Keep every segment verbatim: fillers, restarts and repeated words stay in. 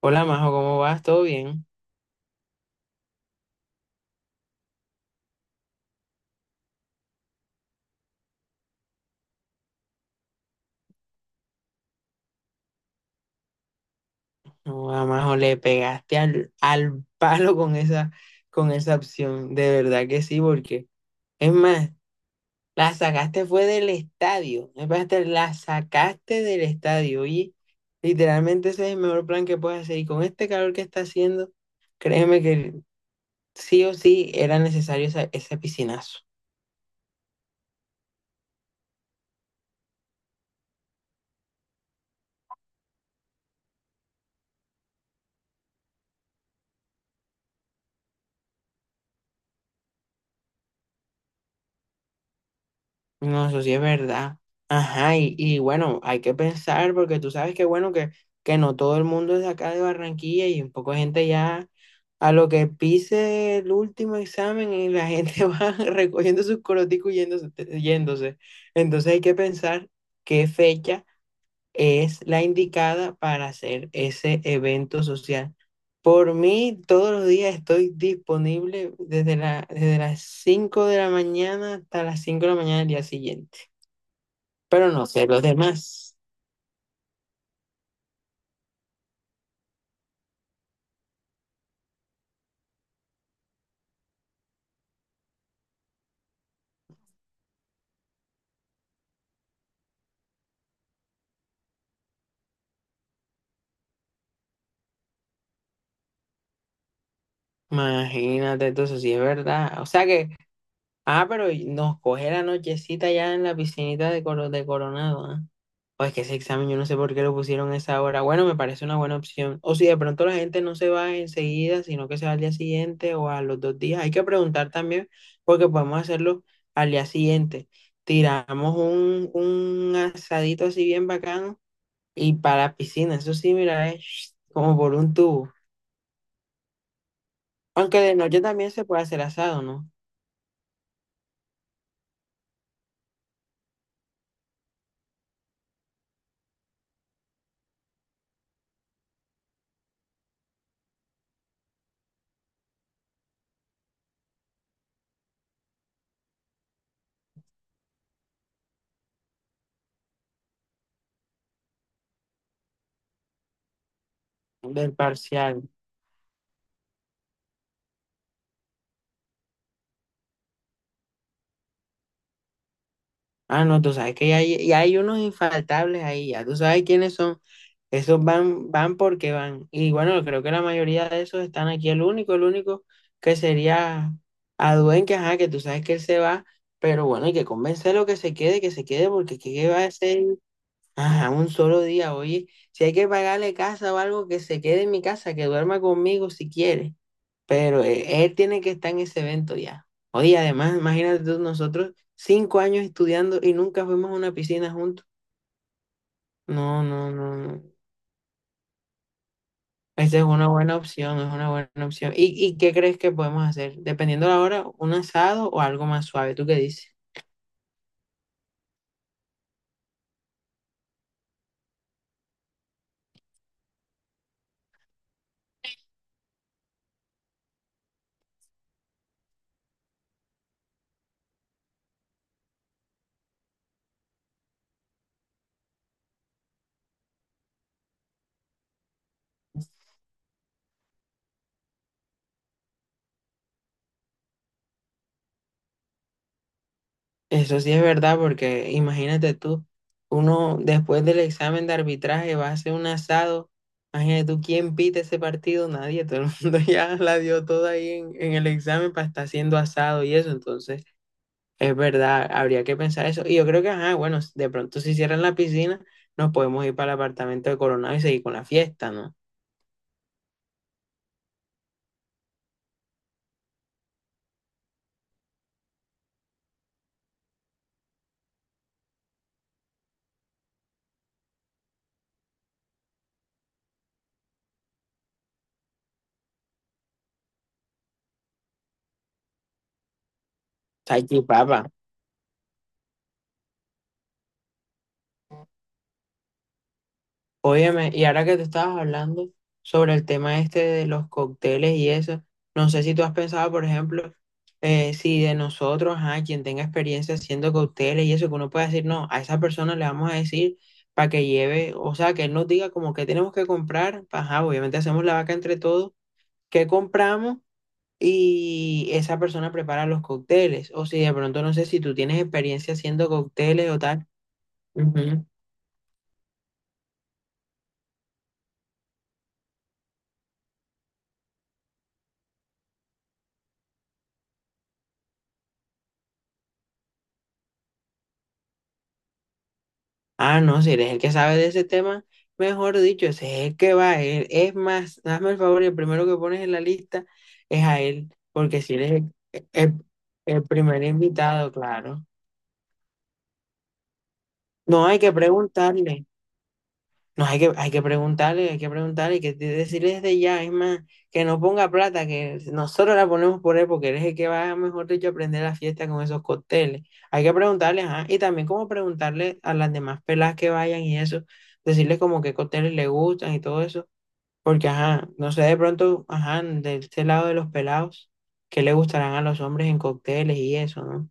Hola Majo, ¿cómo vas? ¿Todo bien? No, a Majo, le pegaste al, al palo con esa, con esa opción, de verdad que sí, porque es más, la sacaste fue del estadio, es más, te la sacaste del estadio y literalmente ese es el mejor plan que puedes hacer y con este calor que está haciendo, créeme que sí o sí era necesario esa- ese piscinazo. No, eso sí es verdad. Ajá, y, y bueno, hay que pensar porque tú sabes que bueno, que, que no todo el mundo es de acá de Barranquilla y un poco de gente ya a lo que pise el último examen y la gente va recogiendo sus coroticos y yéndose, yéndose. Entonces hay que pensar qué fecha es la indicada para hacer ese evento social. Por mí, todos los días estoy disponible desde la, desde las cinco de la mañana hasta las cinco de la mañana del día siguiente. Pero no sé los demás. Imagínate, entonces sí es verdad. O sea que, ah, pero y nos coge la nochecita ya en la piscinita de, Coro- de Coronado, ¿ah? O es que ese examen yo no sé por qué lo pusieron a esa hora. Bueno, me parece una buena opción. O si de pronto la gente no se va enseguida, sino que se va al día siguiente o a los dos días. Hay que preguntar también, porque podemos hacerlo al día siguiente. Tiramos un, un asadito así bien bacano y para la piscina. Eso sí, mira, es como por un tubo. Aunque de noche también se puede hacer asado, ¿no? Del parcial. Ah, no, tú sabes que ya hay, y hay unos infaltables ahí, ya tú sabes quiénes son. Esos van, van porque van. Y bueno, creo que la mayoría de esos están aquí. El único, el único que sería Aduen, que ajá, que tú sabes que él se va, pero bueno, hay que convencerlo que se quede, que se quede, porque ¿qué qué va a hacer? Ajá, un solo día, oye. Si hay que pagarle casa o algo, que se quede en mi casa, que duerma conmigo si quiere. Pero e- él tiene que estar en ese evento ya. Oye, además, imagínate tú, nosotros cinco años estudiando y nunca fuimos a una piscina juntos. No, no, no, no. Esa es una buena opción, es una buena opción. ¿Y, y qué crees que podemos hacer? Dependiendo de la hora, un asado o algo más suave. ¿Tú qué dices? Eso sí es verdad, porque imagínate tú, uno después del examen de arbitraje va a hacer un asado, imagínate tú quién pita ese partido, nadie, todo el mundo ya la dio toda ahí en, en el examen para estar haciendo asado y eso, entonces es verdad, habría que pensar eso. Y yo creo que, ajá, bueno, de pronto si cierran la piscina, nos podemos ir para el apartamento de Coronado y seguir con la fiesta, ¿no? Salchipapa. Óyeme, y ahora que tú estabas hablando sobre el tema este de los cócteles y eso, no sé si tú has pensado, por ejemplo, eh, si de nosotros, ajá, quien tenga experiencia haciendo cócteles y eso, que uno pueda decir, no, a esa persona le vamos a decir para que lleve, o sea, que él nos diga como que tenemos que comprar, ajá, obviamente hacemos la vaca entre todos, qué compramos y esa persona prepara los cócteles, o si de pronto no sé si tú tienes experiencia haciendo cócteles o tal. Ah, no, si eres el que sabe de ese tema, mejor dicho, ese es el que va él. Es más, hazme el favor y el primero que pones en la lista es a él, porque si eres el, el- el primer invitado, claro. No hay que preguntarle. No, hay que, hay que preguntarle, hay que preguntarle, hay que de- decirle desde ya, es más, que no ponga plata, que nosotros la ponemos por él, porque él es el que va, mejor dicho, a aprender la fiesta con esos cócteles. Hay que preguntarle, ajá, y también como preguntarle a las demás pelas que vayan y eso, decirles como qué cócteles le gustan y todo eso, porque ajá, no sé, de pronto, ajá, de este lado de los pelados, qué le gustarán a los hombres en cócteles y eso, ¿no?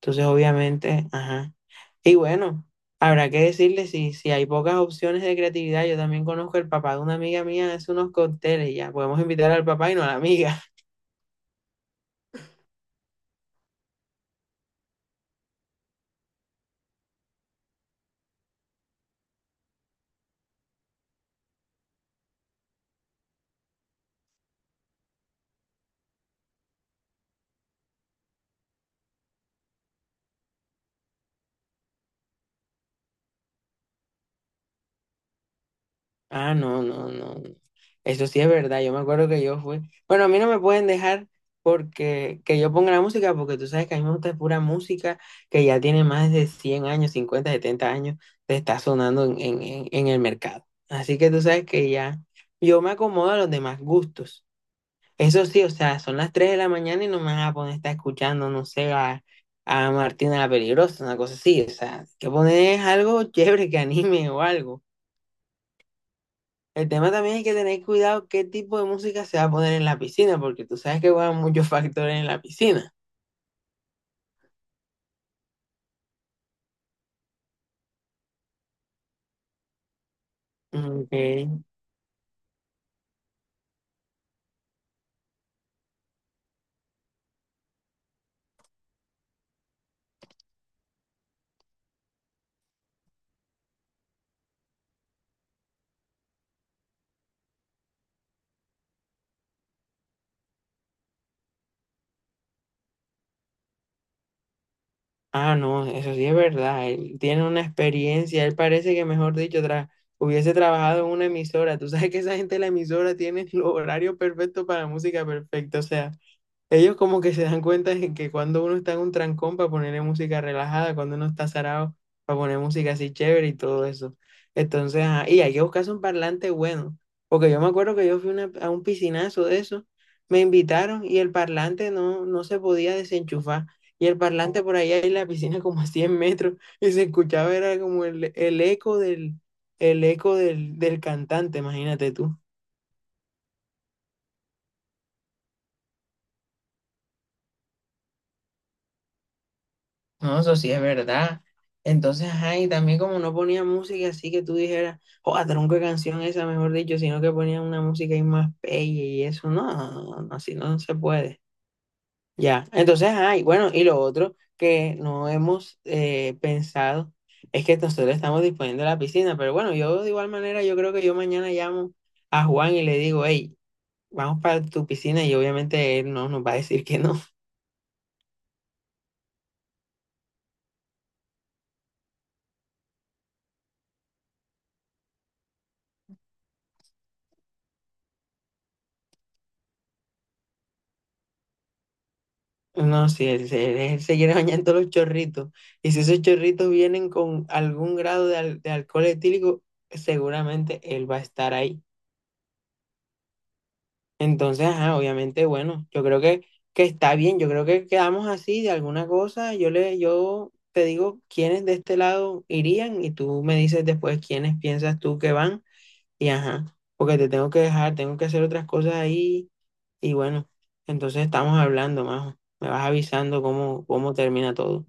Entonces, obviamente, ajá. Y bueno, habrá que decirle si, si hay pocas opciones de creatividad. Yo también conozco el papá de una amiga mía, hace unos cócteles y ya. Podemos invitar al papá y no a la amiga. Ah, no, no, no. No. Eso sí es verdad. Yo me acuerdo que yo fui. Bueno, a mí no me pueden dejar porque que yo ponga la música, porque tú sabes que a mí me gusta pura música que ya tiene más de cien años, cincuenta setenta años, de estar sonando en, en en- en el mercado. Así que tú sabes que ya yo me acomodo a los demás gustos. Eso sí, o sea, son las tres de la mañana y no me van a poner a estar escuchando, no sé, a, a Martina la Peligrosa, una cosa así. O sea, hay que poner algo chévere que anime o algo. El tema también es que tener cuidado qué tipo de música se va a poner en la piscina, porque tú sabes que juegan muchos factores en la piscina. Okay. Ah, no, eso sí es verdad. Él tiene una experiencia, él parece que, mejor dicho, tra- hubiese trabajado en una emisora. Tú sabes que esa gente de la emisora tiene el horario perfecto para la música perfecta, o sea. Ellos como que se dan cuenta de que cuando uno está en un trancón para ponerle música relajada, cuando uno está zarado para poner música así chévere y todo eso. Entonces, ajá, y hay que buscarse un parlante bueno, porque yo me acuerdo que yo fui una- a un piscinazo de eso, me invitaron y el parlante no, no se podía desenchufar. Y el parlante por allá en la piscina como a cien metros y se escuchaba, era como el, el eco del, el eco del, del cantante, imagínate. No, eso sí es verdad. Entonces, ay también como no ponía música así que tú dijeras, oh, tronco de canción esa, mejor dicho, sino que ponía una música ahí más bella y eso, no, no, no, así no se puede. Ya, entonces, ay bueno, y lo otro que no hemos eh, pensado es que nosotros estamos disponiendo de la piscina, pero bueno, yo de igual manera, yo creo que yo mañana llamo a Juan y le digo, hey, vamos para tu piscina y obviamente él no nos va a decir que no. No, sí, él, se él él se quiere bañar en todos los chorritos. Y si esos chorritos vienen con algún grado de, al- de alcohol etílico, seguramente él va a estar ahí. Entonces, ajá, obviamente, bueno, yo creo que, que está bien. Yo creo que quedamos así de alguna cosa. Yo le, yo te digo quiénes de este lado irían y tú me dices después quiénes piensas tú que van. Y ajá, porque te tengo que dejar, tengo que hacer otras cosas ahí. Y bueno, entonces estamos hablando, Majo. Me vas avisando cómo, cómo termina todo.